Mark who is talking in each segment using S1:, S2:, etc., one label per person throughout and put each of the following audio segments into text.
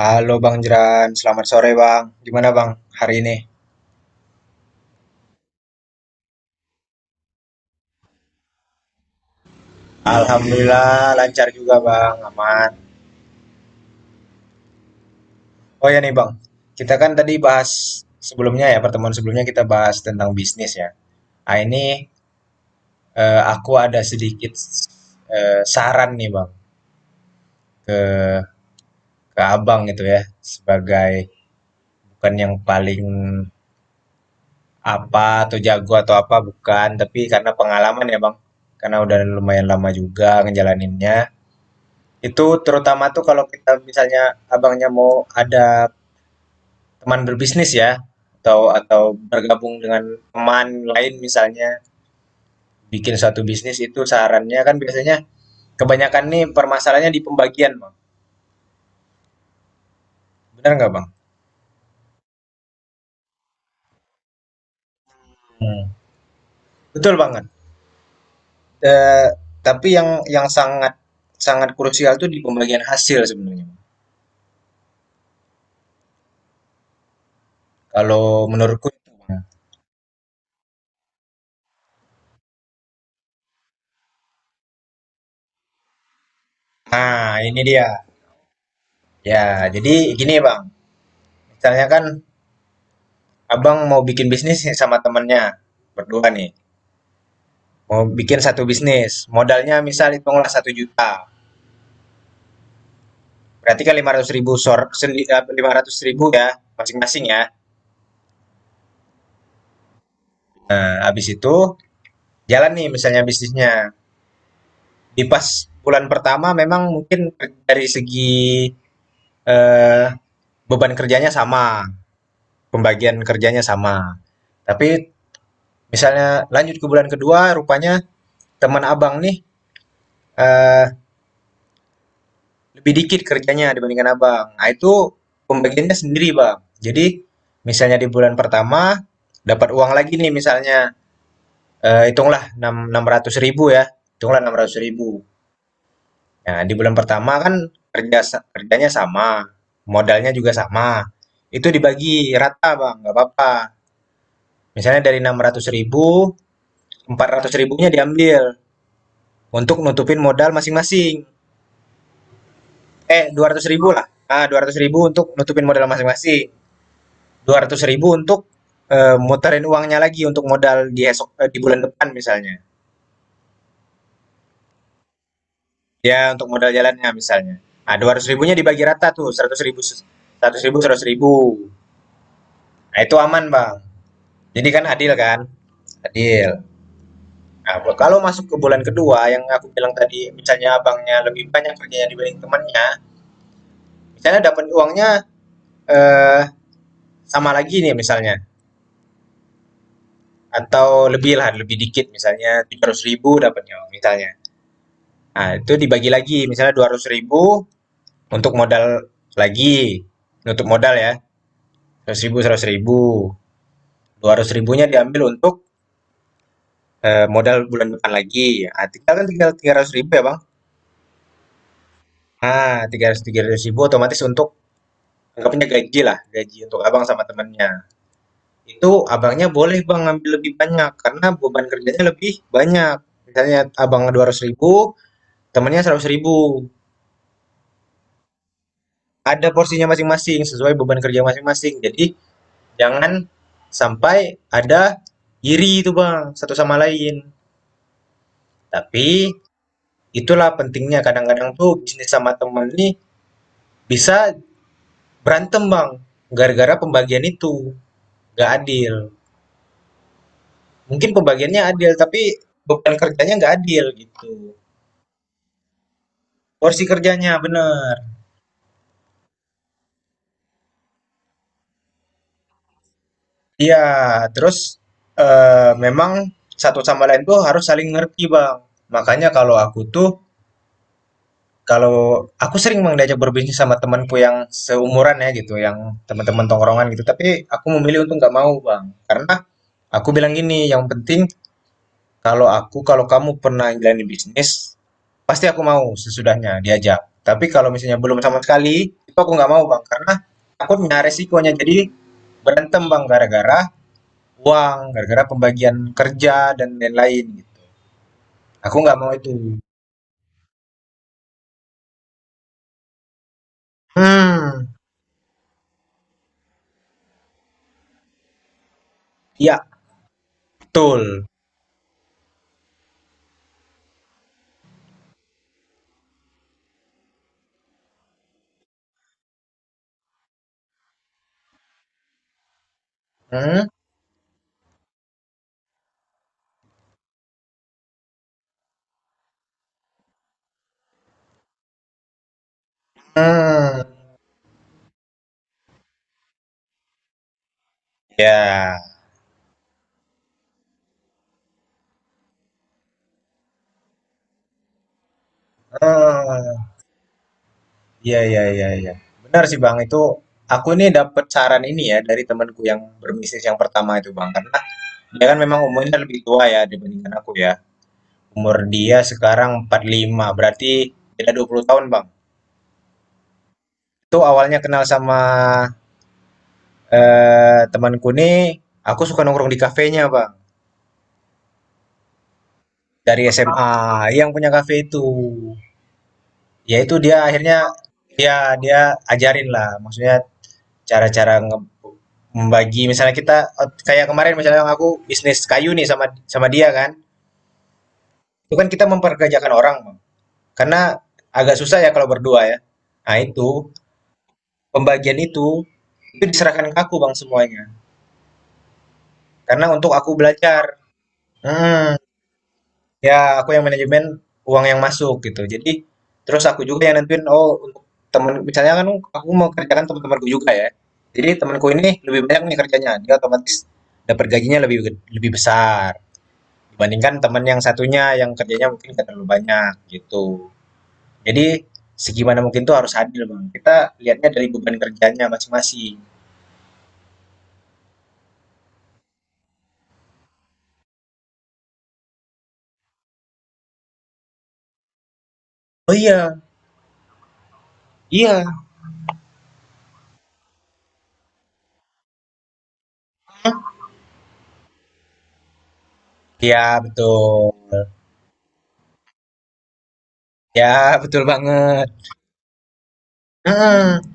S1: Halo Bang Jeran, selamat sore Bang. Gimana Bang hari ini? Alhamdulillah lancar juga Bang, aman. Oh ya nih Bang, kita kan tadi bahas sebelumnya ya, pertemuan sebelumnya kita bahas tentang bisnis ya. Ah ini, aku ada sedikit saran nih Bang ke ke Abang gitu ya, sebagai bukan yang paling apa atau jago atau apa bukan, tapi karena pengalaman ya Bang. Karena udah lumayan lama juga ngejalaninnya. Itu terutama tuh kalau kita misalnya Abangnya mau ada teman berbisnis ya, atau bergabung dengan teman lain misalnya bikin suatu bisnis itu sarannya kan biasanya kebanyakan nih permasalahannya di pembagian, Bang. Benar nggak, Bang? Hmm. Betul banget. Eh, tapi yang sangat sangat krusial tuh di pembagian hasil sebenarnya, Bang. Kalau menurutku itu, Bang. Nah, ini dia. Ya, jadi gini, Bang. Misalnya kan Abang mau bikin bisnis sama temennya berdua nih. Mau bikin satu bisnis, modalnya misal hitunglah 1 juta berarti kan 500.000 500.000 ya, masing-masing ya. Nah, habis itu jalan nih misalnya bisnisnya, di pas bulan pertama memang mungkin dari segi, eee, beban kerjanya sama, pembagian kerjanya sama. Tapi misalnya lanjut ke bulan kedua rupanya teman Abang nih, eee lebih dikit kerjanya dibandingkan abang. Nah, itu pembagiannya sendiri, Bang. Jadi, misalnya di bulan pertama dapat uang lagi nih misalnya hitunglah 600.000 ya. Hitunglah enam ratus ribu. Nah, di bulan pertama kan kerjanya sama, modalnya juga sama. Itu dibagi rata, Bang. Nggak apa-apa. Misalnya dari 600.000, 400 ribunya diambil untuk nutupin modal masing-masing. 200.000 lah. Ah, 200.000 untuk nutupin modal masing-masing. 200.000 untuk muterin uangnya lagi untuk modal di bulan depan misalnya. Ya, untuk modal jalannya misalnya. Nah, 200 ribunya dibagi rata tuh, 100.000, 100.000, 100.000. Nah, itu aman, Bang. Jadi kan adil kan? Adil. Nah, kalau masuk ke bulan kedua yang aku bilang tadi, misalnya abangnya lebih banyak kerjanya dibanding temannya, misalnya dapat uangnya eh sama lagi nih misalnya atau lebih lah, lebih dikit misalnya 700.000 dapatnya misalnya. Nah, itu dibagi lagi misalnya 200.000 untuk modal lagi, nutup modal ya, 100.000 100.000, dua ratus ribunya diambil untuk, modal bulan depan lagi. Ah, tinggal kan tinggal 300.000 ya, Bang? Nah, 300.000, otomatis untuk anggapnya gajilah, gaji untuk Abang sama temennya. Itu Abangnya boleh Bang ngambil lebih banyak karena beban kerjanya lebih banyak. Misalnya Abang 200.000, temennya 100.000. Ada porsinya masing-masing sesuai beban kerja masing-masing. Jadi jangan sampai ada iri itu Bang, satu sama lain. Tapi itulah pentingnya kadang-kadang tuh bisnis sama temen nih bisa berantem Bang, gara-gara pembagian itu nggak adil. Mungkin pembagiannya adil, tapi beban kerjanya nggak adil gitu. Porsi kerjanya bener. Iya, terus memang satu sama lain tuh harus saling ngerti Bang. Makanya kalau aku tuh kalau aku sering Bang diajak berbisnis sama temanku yang seumuran ya gitu, yang teman-teman tongkrongan gitu. Tapi aku memilih untuk nggak mau Bang, karena aku bilang gini, yang penting kalau aku, kalau kamu pernah jalanin bisnis, pasti aku mau sesudahnya diajak. Tapi kalau misalnya belum sama sekali, itu aku nggak mau Bang, karena takutnya resikonya jadi berantem Bang gara-gara uang, gara-gara pembagian kerja dan lain-lain gitu. Aku nggak mau itu. Hmm, ya betul. Hmm, hmm. Ya, ah, iya, iya, iya, iya. Benar sih Bang, itu aku nih dapet saran ini ya dari temanku yang berbisnis yang pertama itu Bang. Karena dia kan memang umurnya lebih tua ya dibandingkan aku ya. Umur dia sekarang 45 berarti beda 20 tahun Bang. Itu awalnya kenal sama temanku nih, aku suka nongkrong di kafenya Bang. Dari SMA, yang punya kafe itu. Ya itu dia akhirnya dia dia ajarin lah, maksudnya cara-cara membagi misalnya kita kayak kemarin misalnya aku bisnis kayu nih sama sama dia kan. Itu kan kita memperkerjakan orang, Bang. Karena agak susah ya kalau berdua ya. Nah, itu pembagian itu diserahkan ke aku, Bang, semuanya. Karena untuk aku belajar. Mhm. Ya, aku yang manajemen uang yang masuk gitu. Jadi terus aku juga yang nentuin oh untuk temen misalnya kan aku mau kerjakan teman-temanku juga ya. Jadi temanku ini lebih banyak nih kerjanya, dia otomatis dapat gajinya lebih besar dibandingkan teman yang satunya yang kerjanya mungkin gak terlalu banyak gitu. Jadi segimana mungkin tuh harus adil bang. Kita lihatnya dari beban kerjanya masing-masing. Oh iya, iya, iya betul, ya betul banget. Hmm.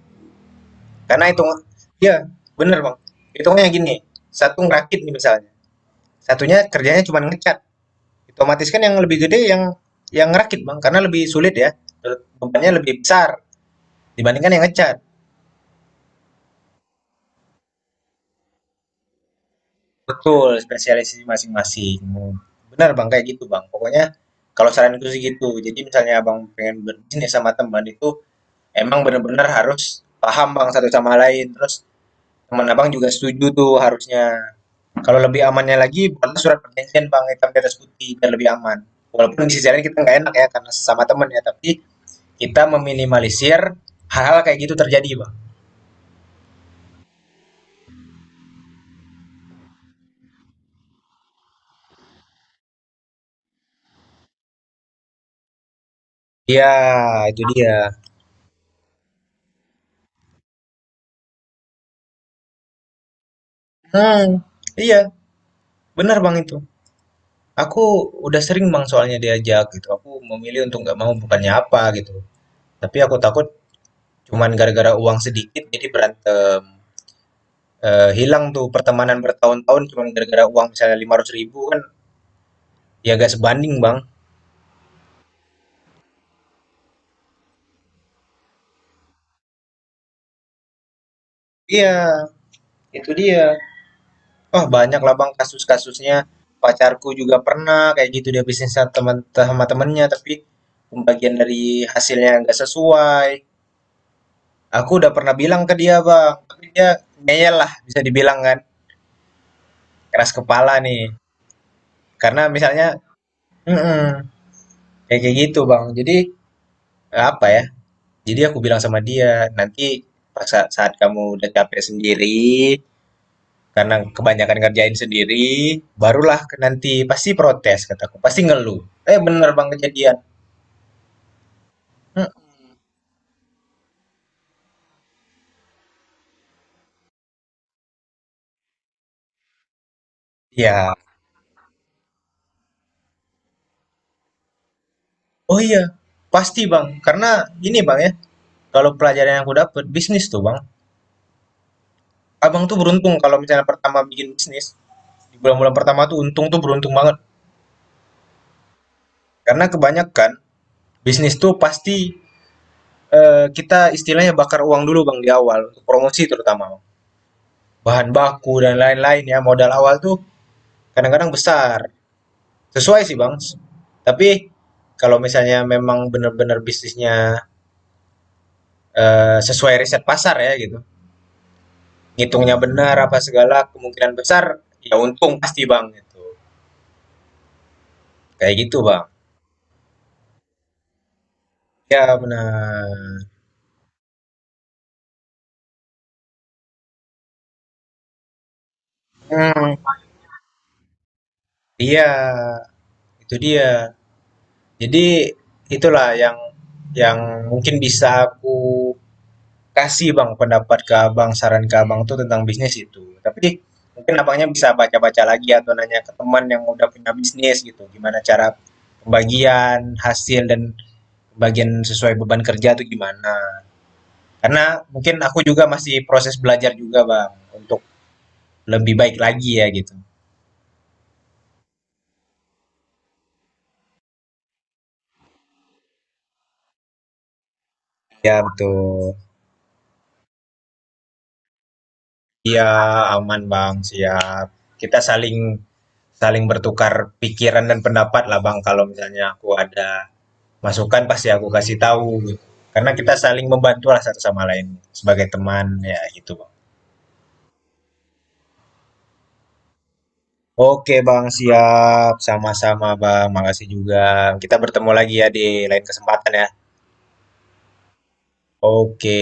S1: Karena hitung Iya, bener, Bang. Hitungnya gini, satu ngerakit nih misalnya, satunya kerjanya cuma ngecat. Otomatis kan yang lebih gede yang ngerakit, Bang, karena lebih sulit ya. Bebannya lebih besar dibandingkan yang ngecat. Betul, spesialisasi masing-masing. Benar, Bang, kayak gitu, Bang. Pokoknya kalau saranku sih gitu. Jadi misalnya Abang pengen berbisnis sama teman itu emang bener-bener harus paham Bang satu sama lain. Terus teman Abang juga setuju tuh harusnya. Kalau lebih amannya lagi buatlah surat perjanjian, Bang, hitam di atas putih biar lebih aman. Walaupun di sisi lain kita nggak enak ya karena sesama temen ya, tapi kita meminimalisir hal-hal kayak gitu terjadi, Bang. Iya, itu dia. Hmm, iya, benar Bang itu. Aku udah sering Bang soalnya diajak gitu. Aku memilih untuk nggak mau bukannya apa gitu. Tapi aku takut cuman gara-gara uang sedikit jadi berantem. Eh, hilang tuh pertemanan bertahun-tahun cuman gara-gara uang misalnya 500.000 kan ya gak sebanding Bang. Iya, itu dia. Oh, banyak lah Bang kasus-kasusnya. Pacarku juga pernah kayak gitu dia bisnis sama temennya tapi pembagian dari hasilnya nggak sesuai. Aku udah pernah bilang ke dia Bang, tapi dia ngeyel lah bisa dibilang kan keras kepala nih. Karena misalnya mm-mm, kayak kayak gitu Bang. Jadi apa ya? Jadi aku bilang sama dia nanti pas saat kamu udah capek sendiri karena kebanyakan ngerjain sendiri barulah nanti pasti protes kataku pasti ngeluh. Eh, bener bang, kejadian. Hmm, ya, oh iya, pasti bang. Karena ini bang ya, kalau pelajaran yang aku dapat bisnis tuh bang. Abang tuh beruntung kalau misalnya pertama bikin bisnis di bulan-bulan pertama tuh untung tuh beruntung banget. Karena kebanyakan bisnis tuh pasti kita istilahnya bakar uang dulu bang di awal untuk promosi terutama bang. Bahan baku dan lain-lain ya modal awal tuh kadang-kadang besar. Sesuai sih bang. Tapi kalau misalnya memang benar-benar bisnisnya sesuai riset pasar ya gitu. Ngitungnya benar apa segala kemungkinan besar ya untung pasti bang gitu kayak gitu bang ya benar. Hmm, iya, itu dia. Jadi itulah yang mungkin bisa aku kasih bang pendapat ke abang saran ke abang tuh tentang bisnis itu tapi mungkin abangnya bisa baca-baca lagi atau nanya ke teman yang udah punya bisnis gitu gimana cara pembagian hasil dan pembagian sesuai beban kerja tuh gimana. Karena mungkin aku juga masih proses belajar juga, Bang, untuk lebih baik lagi ya gitu. Ya betul. Iya, aman, Bang, siap. Kita saling saling bertukar pikiran dan pendapat lah, Bang. Kalau misalnya aku ada masukan pasti aku kasih tahu gitu. Karena kita saling membantu lah satu sama lain sebagai teman ya gitu, Bang. Oke, Bang, siap. Sama-sama, Bang. Makasih juga. Kita bertemu lagi ya di lain kesempatan ya. Oke.